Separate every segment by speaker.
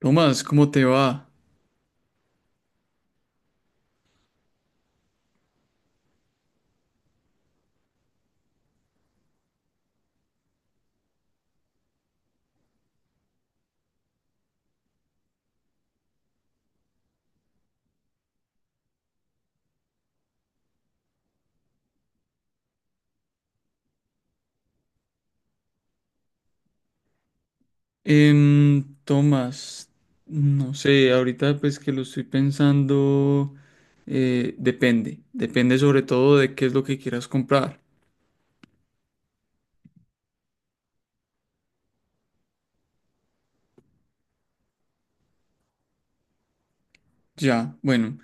Speaker 1: Tomás, ¿cómo te va? Tomás, no sé, ahorita pues que lo estoy pensando, depende, depende sobre todo de qué es lo que quieras comprar. Ya, bueno,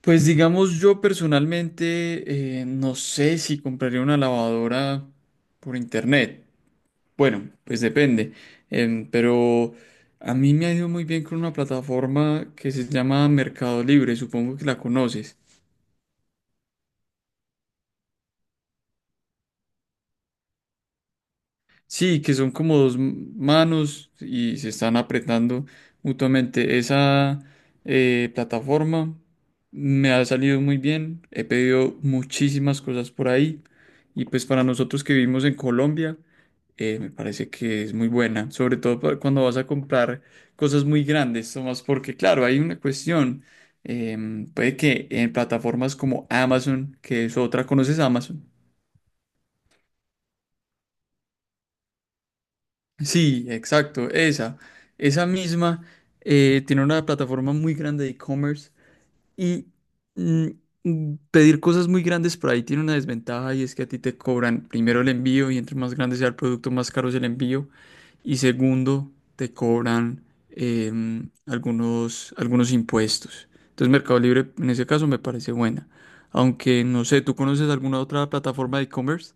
Speaker 1: pues digamos yo personalmente no sé si compraría una lavadora por internet. Bueno, pues depende. Pero a mí me ha ido muy bien con una plataforma que se llama Mercado Libre, supongo que la conoces. Sí, que son como dos manos y se están apretando mutuamente. Esa plataforma me ha salido muy bien. He pedido muchísimas cosas por ahí. Y pues para nosotros que vivimos en Colombia, me parece que es muy buena. Sobre todo cuando vas a comprar cosas muy grandes, Tomás, porque claro, hay una cuestión. Puede que en plataformas como Amazon, que es otra, ¿conoces Amazon? Sí, exacto, esa misma tiene una plataforma muy grande de e-commerce y mm, pedir cosas muy grandes por ahí tiene una desventaja y es que a ti te cobran primero el envío y entre más grande sea el producto más caro es el envío y segundo te cobran algunos impuestos. Entonces Mercado Libre en ese caso me parece buena, aunque no sé, ¿tú conoces alguna otra plataforma de e-commerce?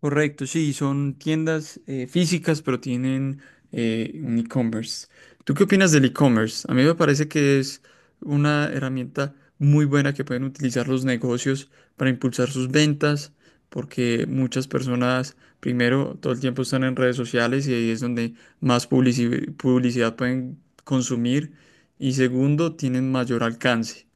Speaker 1: Correcto, sí, son tiendas físicas, pero tienen un e-commerce. ¿Tú qué opinas del e-commerce? A mí me parece que es una herramienta muy buena que pueden utilizar los negocios para impulsar sus ventas, porque muchas personas, primero, todo el tiempo están en redes sociales y ahí es donde más publicidad pueden consumir, y segundo, tienen mayor alcance.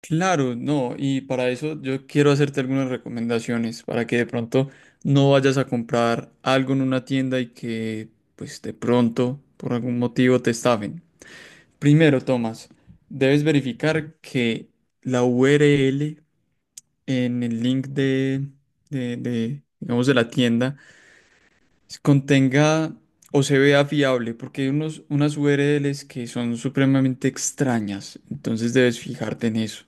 Speaker 1: Claro, no, y para eso yo quiero hacerte algunas recomendaciones para que de pronto no vayas a comprar algo en una tienda y que pues de pronto por algún motivo te estafen. Primero, Tomás, debes verificar que la URL en el link digamos, de la tienda contenga o se vea fiable, porque hay unos, unas URLs que son supremamente extrañas, entonces debes fijarte en eso.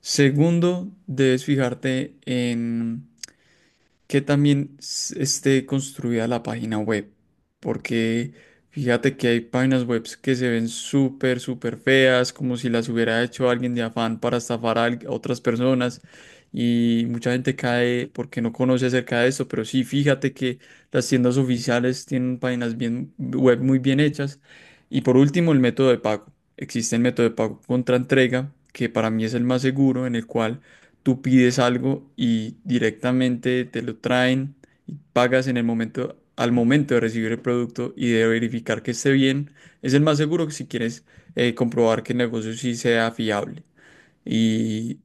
Speaker 1: Segundo, debes fijarte en que también esté construida la página web, porque fíjate que hay páginas web que se ven súper, súper feas, como si las hubiera hecho alguien de afán para estafar a a otras personas. Y mucha gente cae porque no conoce acerca de eso, pero sí, fíjate que las tiendas oficiales tienen páginas bien, web muy bien hechas. Y por último, el método de pago. Existe el método de pago contra entrega, que para mí es el más seguro, en el cual tú pides algo y directamente te lo traen y pagas en el momento, al momento de recibir el producto y de verificar que esté bien, es el más seguro si quieres comprobar que el negocio sí sea fiable. Y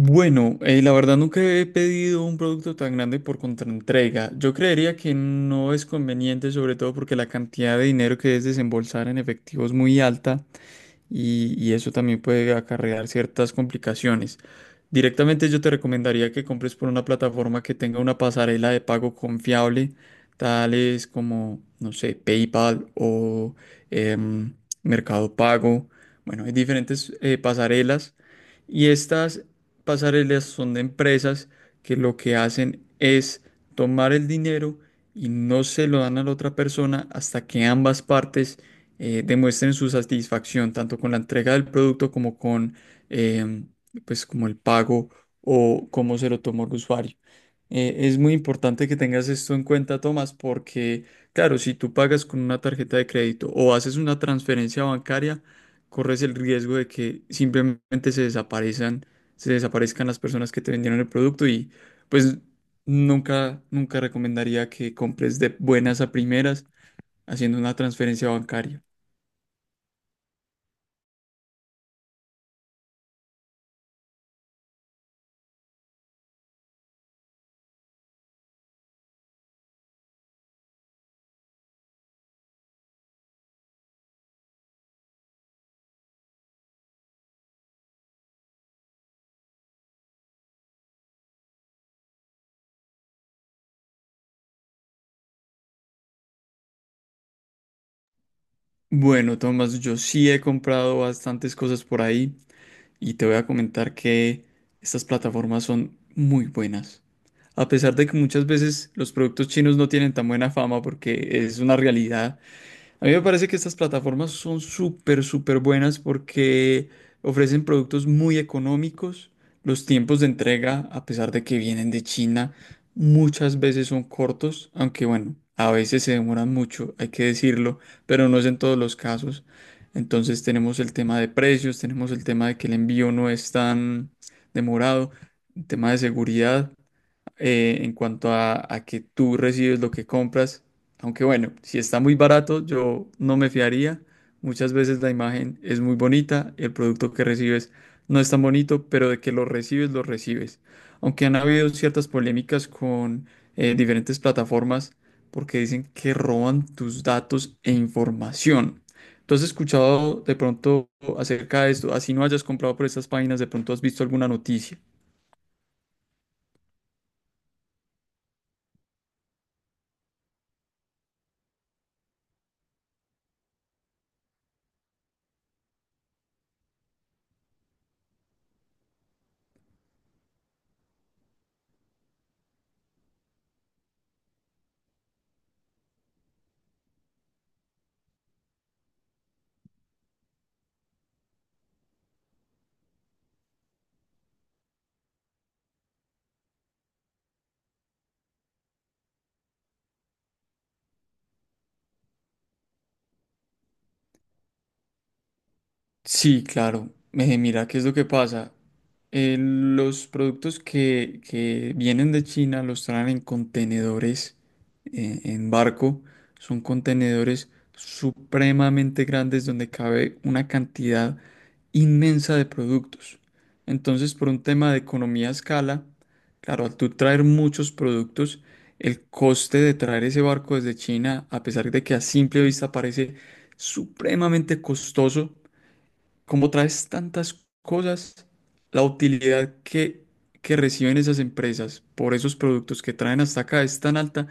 Speaker 1: Bueno, la verdad nunca he pedido un producto tan grande por contraentrega. Yo creería que no es conveniente, sobre todo porque la cantidad de dinero que es desembolsar en efectivo es muy alta y eso también puede acarrear ciertas complicaciones. Directamente yo te recomendaría que compres por una plataforma que tenga una pasarela de pago confiable, tales como, no sé, PayPal o em, Mercado Pago. Bueno, hay diferentes pasarelas. Y estas pasarelas son de empresas que lo que hacen es tomar el dinero y no se lo dan a la otra persona hasta que ambas partes demuestren su satisfacción, tanto con la entrega del producto como con em, pues como el pago o cómo se lo tomó el usuario. Es muy importante que tengas esto en cuenta, Tomás, porque claro, si tú pagas con una tarjeta de crédito o haces una transferencia bancaria, corres el riesgo de que simplemente se desaparezcan las personas que te vendieron el producto y pues nunca, nunca recomendaría que compres de buenas a primeras haciendo una transferencia bancaria. Bueno, Tomás, yo sí he comprado bastantes cosas por ahí y te voy a comentar que estas plataformas son muy buenas. A pesar de que muchas veces los productos chinos no tienen tan buena fama porque es una realidad. A mí me parece que estas plataformas son súper, súper buenas porque ofrecen productos muy económicos. Los tiempos de entrega, a pesar de que vienen de China, muchas veces son cortos, aunque bueno, a veces se demoran mucho, hay que decirlo, pero no es en todos los casos. Entonces tenemos el tema de precios, tenemos el tema de que el envío no es tan demorado, el tema de seguridad en cuanto a que tú recibes lo que compras. Aunque bueno, si está muy barato, yo no me fiaría. Muchas veces la imagen es muy bonita, el producto que recibes no es tan bonito, pero de que lo recibes, lo recibes. Aunque han habido ciertas polémicas con diferentes plataformas porque dicen que roban tus datos e información. ¿Tú has escuchado de pronto acerca de esto? Así no hayas comprado por estas páginas, de pronto has visto alguna noticia. Sí, claro. Mira, ¿qué es lo que pasa? Los productos que vienen de China los traen en contenedores, en barco. Son contenedores supremamente grandes donde cabe una cantidad inmensa de productos. Entonces, por un tema de economía a escala, claro, al tú traer muchos productos, el coste de traer ese barco desde China, a pesar de que a simple vista parece supremamente costoso, como traes tantas cosas, la utilidad que reciben esas empresas por esos productos que traen hasta acá es tan alta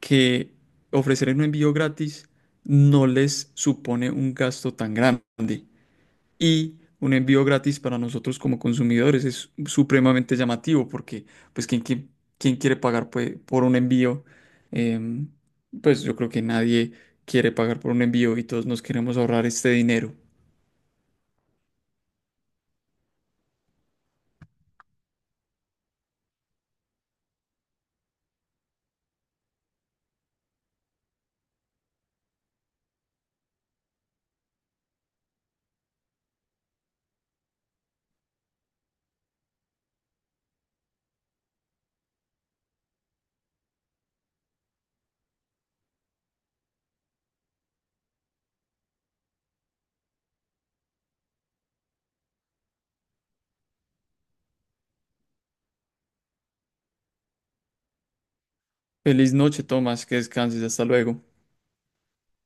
Speaker 1: que ofrecer un envío gratis no les supone un gasto tan grande. Y un envío gratis para nosotros como consumidores es supremamente llamativo porque, pues, ¿quién, quién quiere pagar pues, por un envío? Em, pues yo creo que nadie quiere pagar por un envío y todos nos queremos ahorrar este dinero. Feliz noche, Tomás, que descanses, hasta luego.